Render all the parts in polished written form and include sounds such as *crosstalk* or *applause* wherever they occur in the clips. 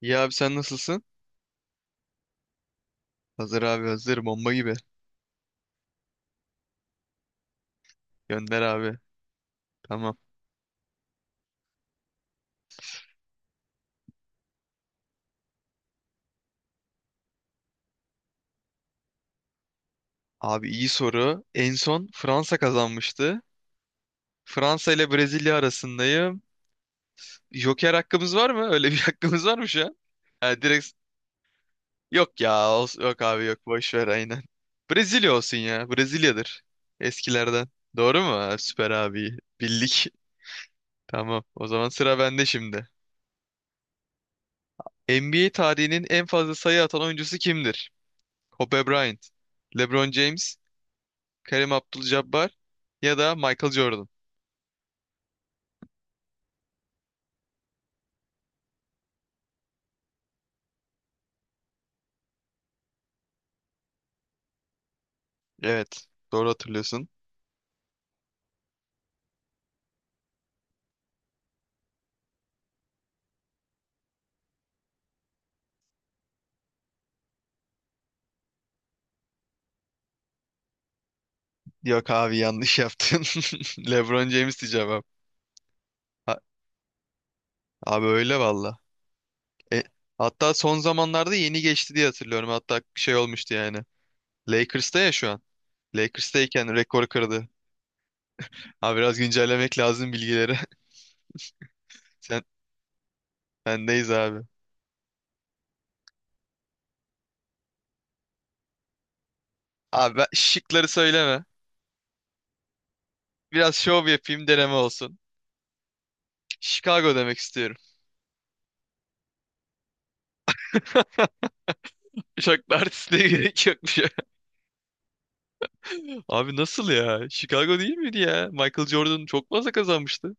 İyi abi sen nasılsın? Hazır abi hazır bomba gibi. Gönder abi. Tamam. Abi iyi soru. En son Fransa kazanmıştı. Fransa ile Brezilya arasındayım. Joker hakkımız var mı? Öyle bir *laughs* hakkımız var mı şu an? Ha, direkt yok ya. Olsun. Yok abi yok. Boş ver aynen. Brezilya olsun ya. Brezilya'dır. Eskilerden. Doğru mu? Ha, süper abi. Bildik. *laughs* Tamam. O zaman sıra bende şimdi. NBA tarihinin en fazla sayı atan oyuncusu kimdir? Kobe Bryant, LeBron James, Kareem Abdul-Jabbar ya da Michael Jordan. Evet, doğru hatırlıyorsun. Yok abi yanlış yaptın. *laughs* LeBron James'ti cevap. Ha- abi öyle valla. E, hatta son zamanlarda yeni geçti diye hatırlıyorum. Hatta bir şey olmuştu yani. Lakers'ta ya şu an. Lakers'tayken rekor kırdı. Abi biraz güncellemek lazım bilgileri. *laughs* Sen bendeyiz abi. Abi şıkları söyleme. Biraz şov yapayım deneme olsun. Chicago demek istiyorum. *laughs* Şaklar artistliğe gerek yok. Abi nasıl ya? Chicago değil miydi ya? Michael Jordan çok fazla kazanmıştı.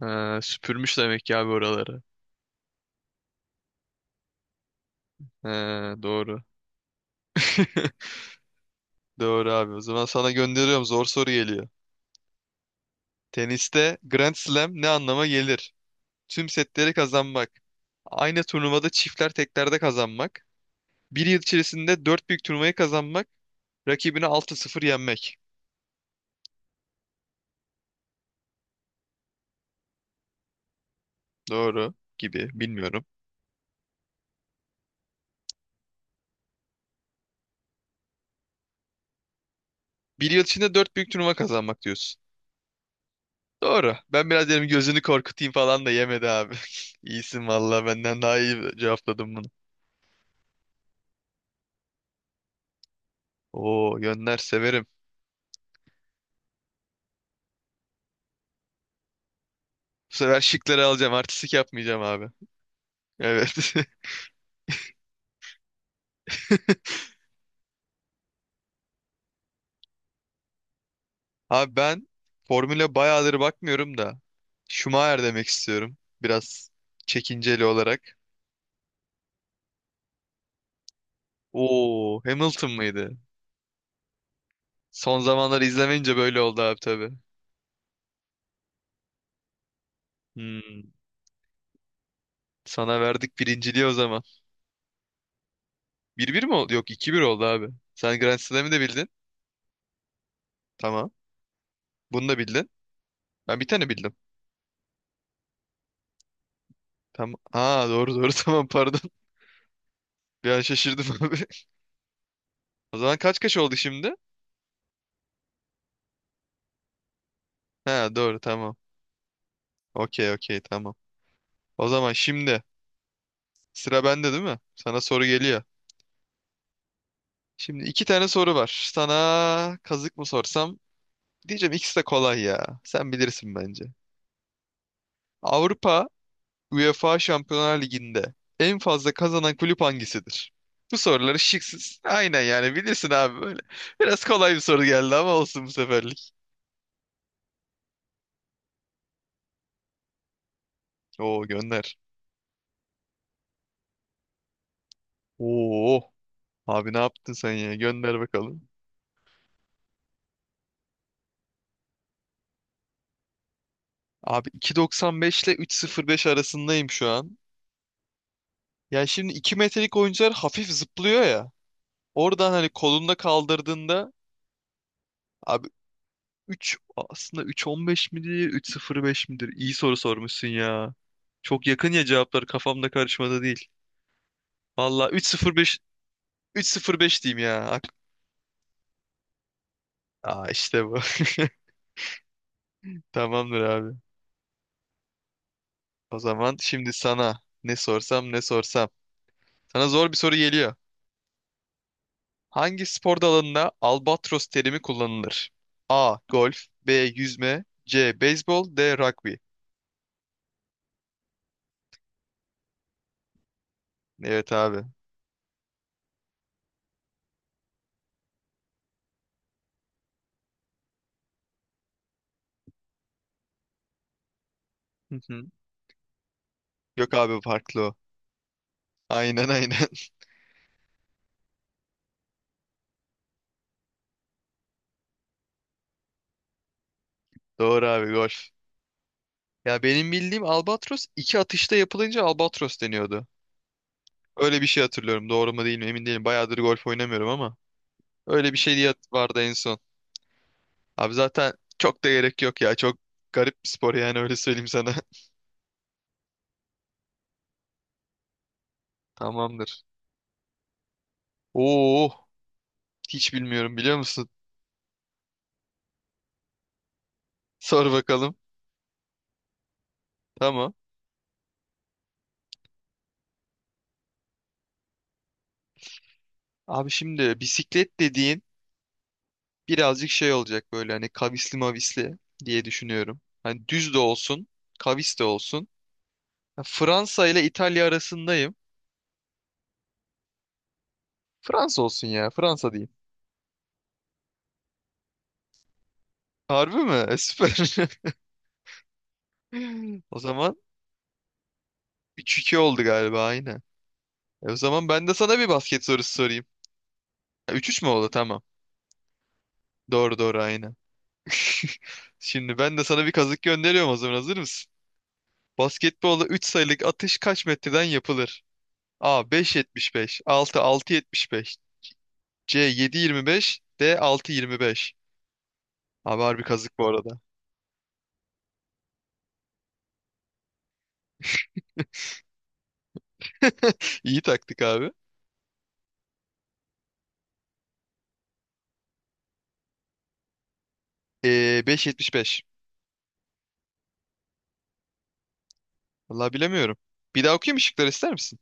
Ha, süpürmüş demek ki abi oraları. Ha, doğru. *laughs* Doğru abi. O zaman sana gönderiyorum. Zor soru geliyor. Teniste Grand Slam ne anlama gelir? Tüm setleri kazanmak. Aynı turnuvada çiftler teklerde kazanmak. Bir yıl içerisinde dört büyük turnuvayı kazanmak. Rakibini 6-0 yenmek. Doğru gibi. Bilmiyorum. Bir yıl içinde dört büyük turnuva kazanmak diyorsun. Doğru. Ben biraz dedim gözünü korkutayım falan da yemedi abi. *laughs* İyisin valla benden daha iyi cevapladım bunu. Oo yönler severim. Bu sefer şıkları alacağım. Artistik yapmayacağım abi. Evet. *laughs* Abi ben formüle bayağıdır bakmıyorum da. Schumacher demek istiyorum. Biraz çekinceli olarak. Oo Hamilton mıydı? Son zamanları izlemeyince böyle oldu abi tabii. Hmm, sana verdik birinciliği o zaman. 1-1 mi oldu? Yok, 2-1 oldu abi. Sen Grand Slam'ı da bildin. Tamam. Bunu da bildin. Ben bir tane bildim. Tamam. Aa, doğru doğru *laughs* tamam pardon. Bir an şaşırdım abi. *laughs* O zaman kaç kaç oldu şimdi? Ha, doğru tamam. Okey okey tamam. O zaman şimdi sıra bende değil mi? Sana soru geliyor. Şimdi iki tane soru var. Sana kazık mı sorsam? Diyeceğim ikisi de kolay ya. Sen bilirsin bence. Avrupa UEFA Şampiyonlar Ligi'nde en fazla kazanan kulüp hangisidir? Bu soruları şıksız. Aynen yani bilirsin abi böyle. Biraz kolay bir soru geldi ama olsun bu seferlik. Oo gönder. Oo. Abi ne yaptın sen ya? Gönder bakalım. Abi 2.95 ile 3.05 arasındayım şu an. Yani şimdi 2 metrelik oyuncular hafif zıplıyor ya. Oradan hani kolunda kaldırdığında abi 3 aslında 3.15 midir 3.05 midir? İyi soru sormuşsun ya. Çok yakın ya cevaplar kafamda karışmadı değil. Valla 3.05 3.05 diyeyim ya. Aa, işte bu. *laughs* Tamamdır abi. O zaman şimdi sana ne sorsam ne sorsam. Sana zor bir soru geliyor. Hangi spor dalında albatros terimi kullanılır? A. Golf, B. Yüzme, C. Beyzbol, D. Rugby. Evet abi. Hı hı. Yok abi, farklı o. Aynen aynen. *laughs* Doğru abi, golf. Ya benim bildiğim albatros iki atışta yapılınca albatros deniyordu. Öyle bir şey hatırlıyorum. Doğru mu değil mi emin değilim. Bayağıdır golf oynamıyorum ama. Öyle bir şey diye vardı en son. Abi zaten çok da gerek yok ya. Çok garip bir spor yani, öyle söyleyeyim sana. *laughs* Tamamdır. Oo, hiç bilmiyorum, biliyor musun? Sor bakalım. Tamam. Abi şimdi bisiklet dediğin birazcık şey olacak, böyle hani kavisli mavisli diye düşünüyorum. Hani düz de olsun, kavis de olsun. Ya Fransa ile İtalya arasındayım. Fransa olsun ya, Fransa diyeyim. Harbi mi? Süper. *laughs* O zaman 3-2 oldu galiba, aynen. O zaman ben de sana bir basket sorusu sorayım. Ha, üç 3 mü oldu? Tamam. Doğru doğru aynen. *laughs* Şimdi ben de sana bir kazık gönderiyorum, o zaman hazır mısın? Basketbolda 3 sayılık atış kaç metreden yapılır? A 5.75, 6 6.75, C 7.25, D 6.25. Abi harbi kazık bu arada. *laughs* İyi taktik abi. Ee, 5.75. Vallahi bilemiyorum. Bir daha okuyayım mı şıkları, ister misin?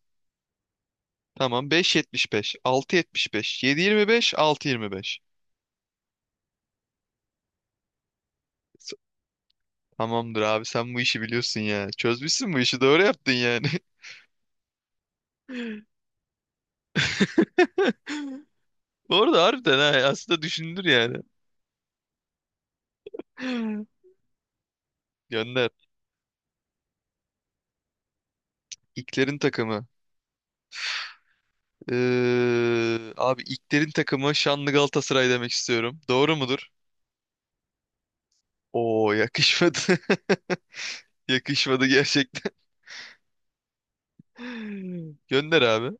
Tamam, 5.75, 6.75, 7.25, 6.25. S- Tamamdır abi, sen bu işi biliyorsun ya. Çözmüşsün bu işi, doğru yaptın yani. *laughs* Bu arada harbiden ha, aslında düşündür yani. *laughs* Gönder. İlklerin takımı. Abi İlkler'in takımı Şanlı Galatasaray demek istiyorum. Doğru mudur? Oo, yakışmadı. *laughs* Yakışmadı gerçekten. *laughs* Gönder abi.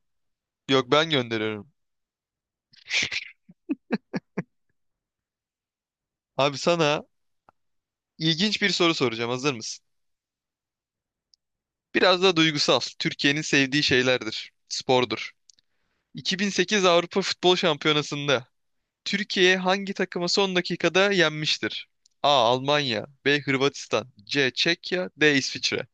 Yok, ben gönderiyorum. Abi sana ilginç bir soru soracağım. Hazır mısın? Biraz da duygusal. Türkiye'nin sevdiği şeylerdir. Spordur. 2008 Avrupa Futbol Şampiyonası'nda Türkiye hangi takımı son dakikada yenmiştir? A. Almanya, B. Hırvatistan, C. Çekya, D. İsviçre.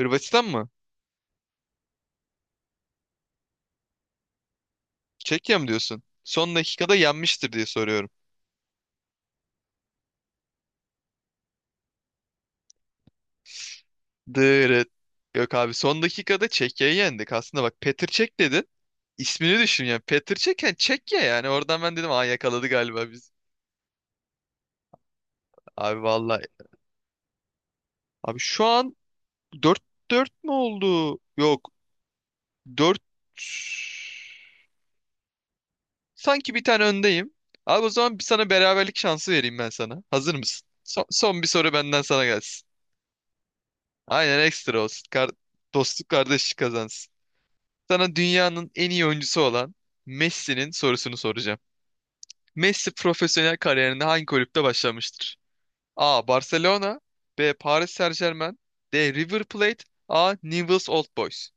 Hırvatistan mı? Çekya mı diyorsun? Son dakikada yenmiştir diye soruyorum. Dırıt. Yok abi, son dakikada Çekya'yı yendik. Aslında bak, Petr Çek dedin. İsmini düşün yani. Petr Çek, yani Çekya yani. Oradan ben dedim, aa yakaladı galiba biz. Abi vallahi. Abi şu an 4-4 mü oldu? Yok. Dört sanki bir tane öndeyim. Abi o zaman bir sana beraberlik şansı vereyim ben sana. Hazır mısın? Son bir soru benden sana gelsin. Aynen, ekstra olsun. Dostluk kardeşlik kazansın. Sana dünyanın en iyi oyuncusu olan Messi'nin sorusunu soracağım. Messi profesyonel kariyerinde hangi kulüpte başlamıştır? A. Barcelona, B. Paris Saint-Germain, D. River Plate, A. Newell's Old Boys.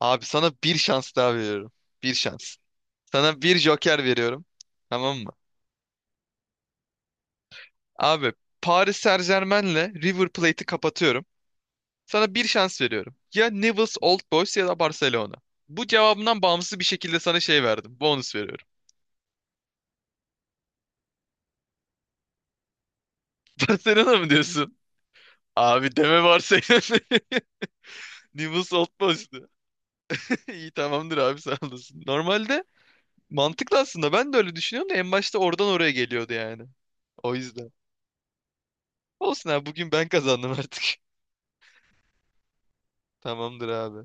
Abi sana bir şans daha veriyorum. Bir şans. Sana bir joker veriyorum. Tamam mı? Abi Paris Saint-Germain'le River Plate'i kapatıyorum. Sana bir şans veriyorum. Ya Newell's Old Boys ya da Barcelona. Bu cevabından bağımsız bir şekilde sana şey verdim. Bonus veriyorum. *laughs* Barcelona mı diyorsun? Abi deme varsayılan *laughs* Nimbus Oldmost'u. *laughs* İyi, tamamdır abi, sağ olasın. Normalde mantıklı, aslında ben de öyle düşünüyorum da, en başta oradan oraya geliyordu yani. O yüzden. Olsun abi, bugün ben kazandım artık. *laughs* Tamamdır abi.